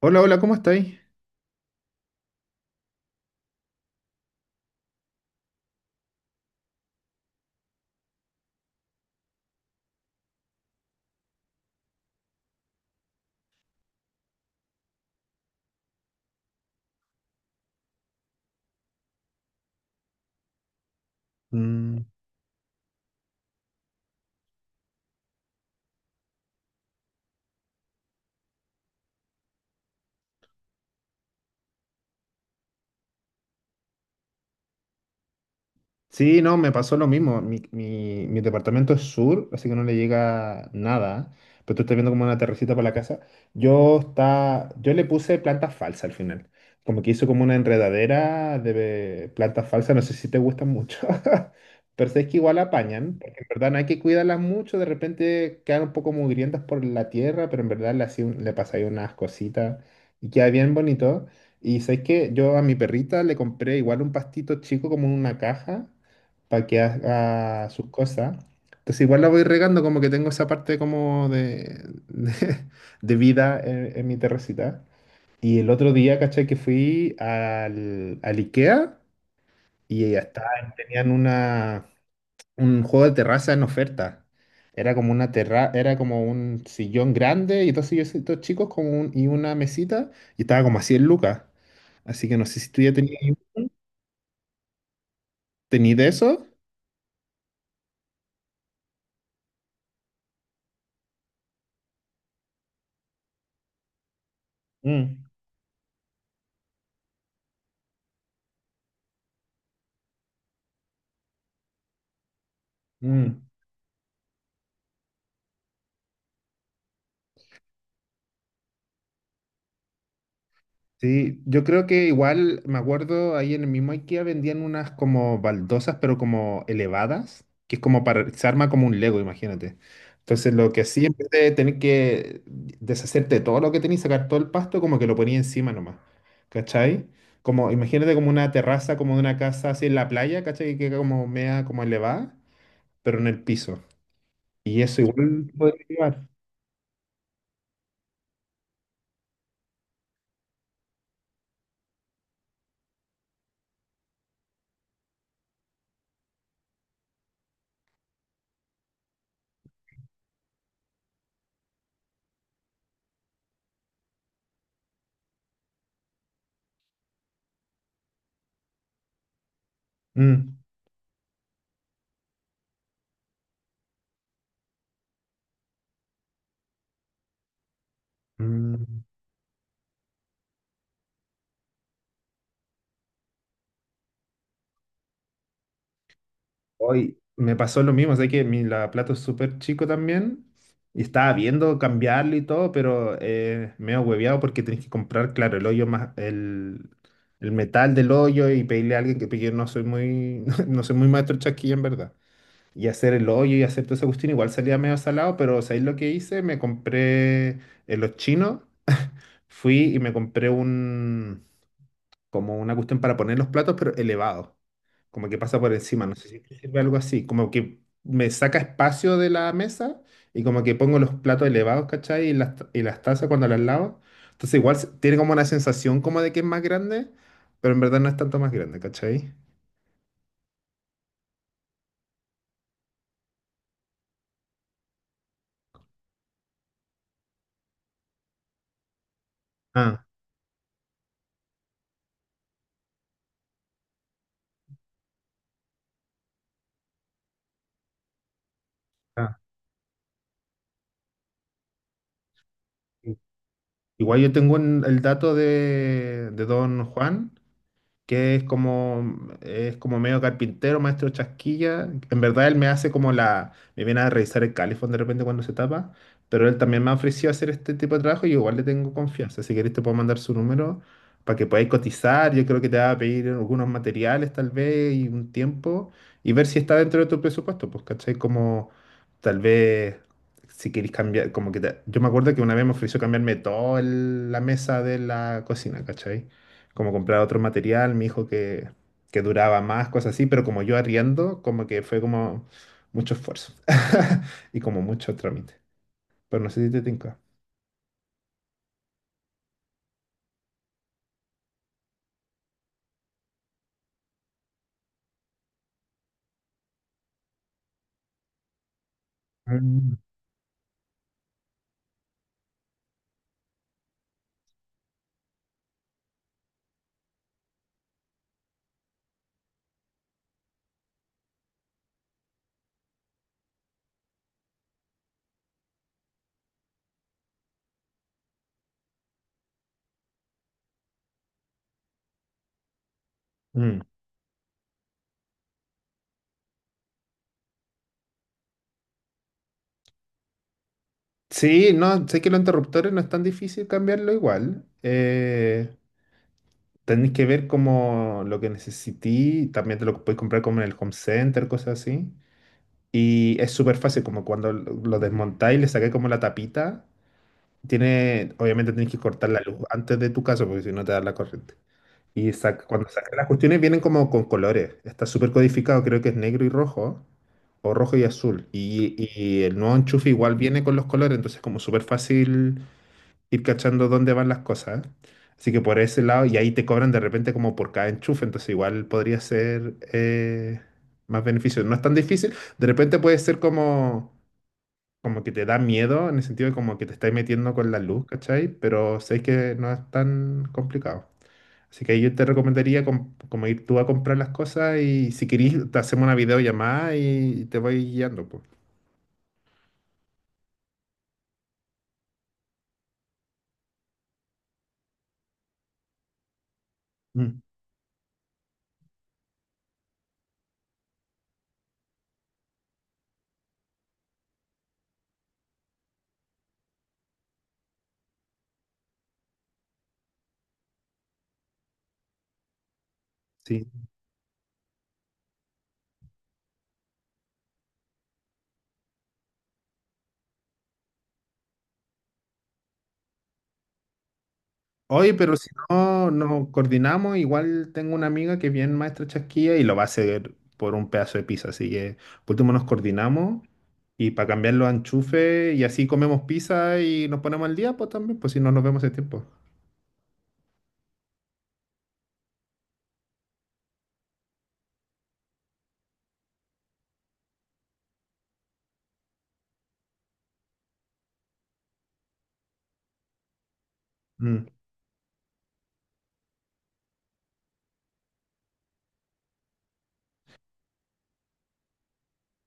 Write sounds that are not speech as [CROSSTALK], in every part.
Hola, hola, ¿cómo estáis? Mm. Sí, no, me pasó lo mismo. Mi departamento es sur, así que no le llega nada. Pero tú estás viendo como una terracita para la casa. Yo, está, yo le puse plantas falsas al final. Como que hizo como una enredadera de plantas falsas. No sé si te gustan mucho. [LAUGHS] Pero sé que igual apañan. Porque en verdad no hay que cuidarlas mucho. De repente quedan un poco mugrientas por la tierra. Pero en verdad le, hacía le pasáis unas cositas. Y queda bien bonito. Y sabes que yo a mi perrita le compré igual un pastito chico como en una caja para que haga sus cosas. Entonces igual la voy regando como que tengo esa parte como de, [LAUGHS] de vida en mi terracita. Y el otro día, ¿cachai? Que fui al IKEA y ya está, tenían una, un juego de terraza en oferta. Era como una terra, era como un sillón grande y dos silloncitos chicos como y una mesita y estaba como a 100 lucas. Así que no sé si tú ya tenías, ¿tenías de eso? Mm. Mm. Sí, yo creo que igual, me acuerdo, ahí en el mismo IKEA vendían unas como baldosas, pero como elevadas, que es como para, se arma como un Lego, imagínate. Entonces lo que hacía, en vez de tener que deshacerte de todo lo que tenías, sacar todo el pasto, como que lo ponía encima nomás, ¿cachai? Como, imagínate como una terraza, como de una casa así en la playa, ¿cachai? Que queda como mea, como elevada, pero en el piso. Y eso igual podría llevar. Mm. Mm. Hoy me pasó lo mismo, sé que mi lavaplato es súper chico también y estaba viendo cambiarlo y todo, pero me he hueveado porque tenés que comprar, claro, el hoyo más, el metal del hoyo y pedirle a alguien que porque yo no soy muy, [LAUGHS] no soy muy maestro chasquilla en verdad. Y hacer el hoyo y hacer todo esa cuestión, igual salía medio salado, pero ¿sabéis lo que hice? Me compré en los chinos, fui y me compré un, como una cuestión para poner los platos, pero elevado como que pasa por encima, no sé si te sirve algo así, como que me saca espacio de la mesa y como que pongo los platos elevados, ¿cachai? Y las, y las tazas cuando las lavo. Entonces igual tiene como una sensación como de que es más grande, pero en verdad no es tanto más grande, ¿cachai? Ah. Ah. Igual yo tengo el dato de don Juan, que es como medio carpintero, maestro chasquilla. En verdad él me hace como la, me viene a revisar el calefón de repente cuando se tapa, pero él también me ha ofrecido hacer este tipo de trabajo y yo igual le tengo confianza. Si querés te puedo mandar su número para que podáis cotizar. Yo creo que te va a pedir algunos materiales tal vez y un tiempo y ver si está dentro de tu presupuesto, pues, ¿cachai? Como tal vez... Si queréis cambiar, como que yo me acuerdo que una vez me ofreció cambiarme toda la mesa de la cocina, ¿cachai? Como comprar otro material, me dijo que duraba más, cosas así, pero como yo arriendo, como que fue como mucho esfuerzo [LAUGHS] y como mucho trámite. Pero no sé si te tinca. Mm. Mm. Sí, no, sé que los interruptores no es tan difícil cambiarlo igual. Tenéis que ver como lo que necesití, también te lo podéis comprar como en el home center, cosas así. Y es súper fácil, como cuando lo desmontáis, le sacáis como la tapita. Tiene, obviamente tienes que cortar la luz antes de tu casa porque si no te da la corriente. Y cuando sacas las cuestiones vienen como con colores. Está súper codificado, creo que es negro y rojo, o rojo y azul. Y el nuevo enchufe igual viene con los colores, entonces es como súper fácil ir cachando dónde van las cosas. Así que por ese lado, y ahí te cobran de repente como por cada enchufe, entonces igual podría ser más beneficio. No es tan difícil, de repente puede ser como como que te da miedo, en el sentido de como que te estáis metiendo con la luz, ¿cachai? Pero sé que no es tan complicado. Así que ahí yo te recomendaría como ir tú a comprar las cosas y si querís te hacemos una videollamada y te voy guiando, pues. Mm. Sí. Oye, pero si no nos coordinamos, igual tengo una amiga que es bien maestra chasquilla y lo va a hacer por un pedazo de pizza. Así que por último nos coordinamos y para cambiar los enchufes y así comemos pizza y nos ponemos al día, pues también, pues si no nos vemos ese tiempo. Mm.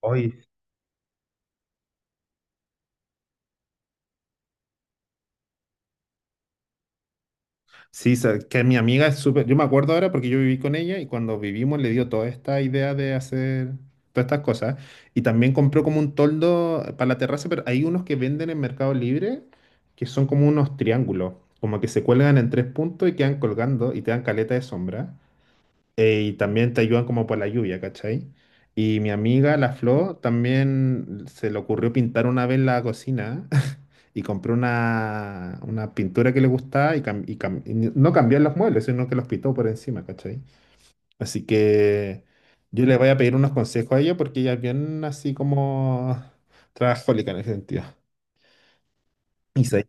Hoy, sí, que mi amiga es súper, yo me acuerdo ahora porque yo viví con ella y cuando vivimos le dio toda esta idea de hacer todas estas cosas y también compró como un toldo para la terraza, pero hay unos que venden en Mercado Libre que son como unos triángulos, como que se cuelgan en tres puntos y quedan colgando y te dan caleta de sombra y también te ayudan como por la lluvia, ¿cachai? Y mi amiga, la Flo, también se le ocurrió pintar una vez la cocina y compró una pintura que le gustaba y no cambió los muebles, sino que los pintó por encima, ¿cachai? Así que yo le voy a pedir unos consejos a ella porque ella es bien así como trabajólica en ese sentido. Y se-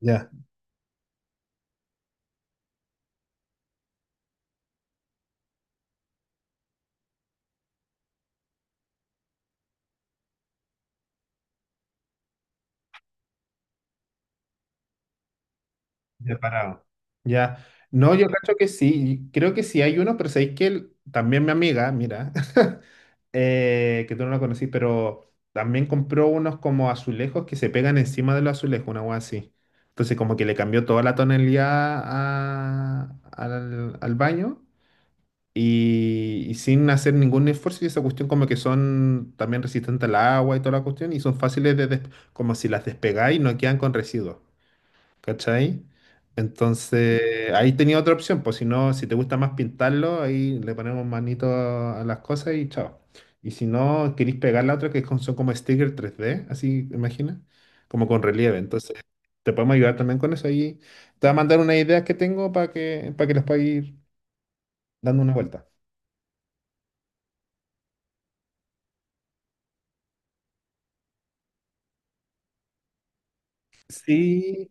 Ya. Separado. Ya. No, yo cacho que sí. Creo que sí hay uno, pero sabéis que también mi amiga, mira, [LAUGHS] que tú no la conocí, pero también compró unos como azulejos que se pegan encima de los azulejos, una hueá así. Entonces, como que le cambió toda la tonalidad al, al baño y sin hacer ningún esfuerzo. Y esa cuestión, como que son también resistentes al agua y toda la cuestión, y son fáciles de, como si las despegáis, no quedan con residuos. ¿Cachai? Entonces, ahí tenía otra opción, pues si no, si te gusta más pintarlo, ahí le ponemos manito a las cosas y chao. Y si no, queréis pegar la otra, que son como stickers tres d así, imagina, como con relieve. Entonces, te podemos ayudar también con eso. Ahí te voy a mandar unas ideas que tengo para que les pueda ir dando una vuelta. Sí,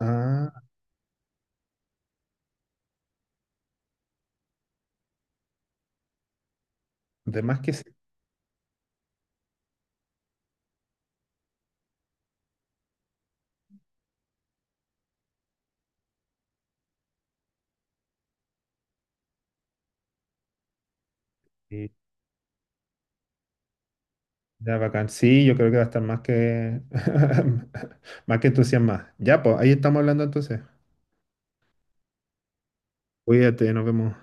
ah, de más que sí. Ya, bacán. Sí, yo creo que va a estar más que, [LAUGHS] más que entusiasmada. Ya, pues, ahí estamos hablando entonces. Cuídate, nos vemos.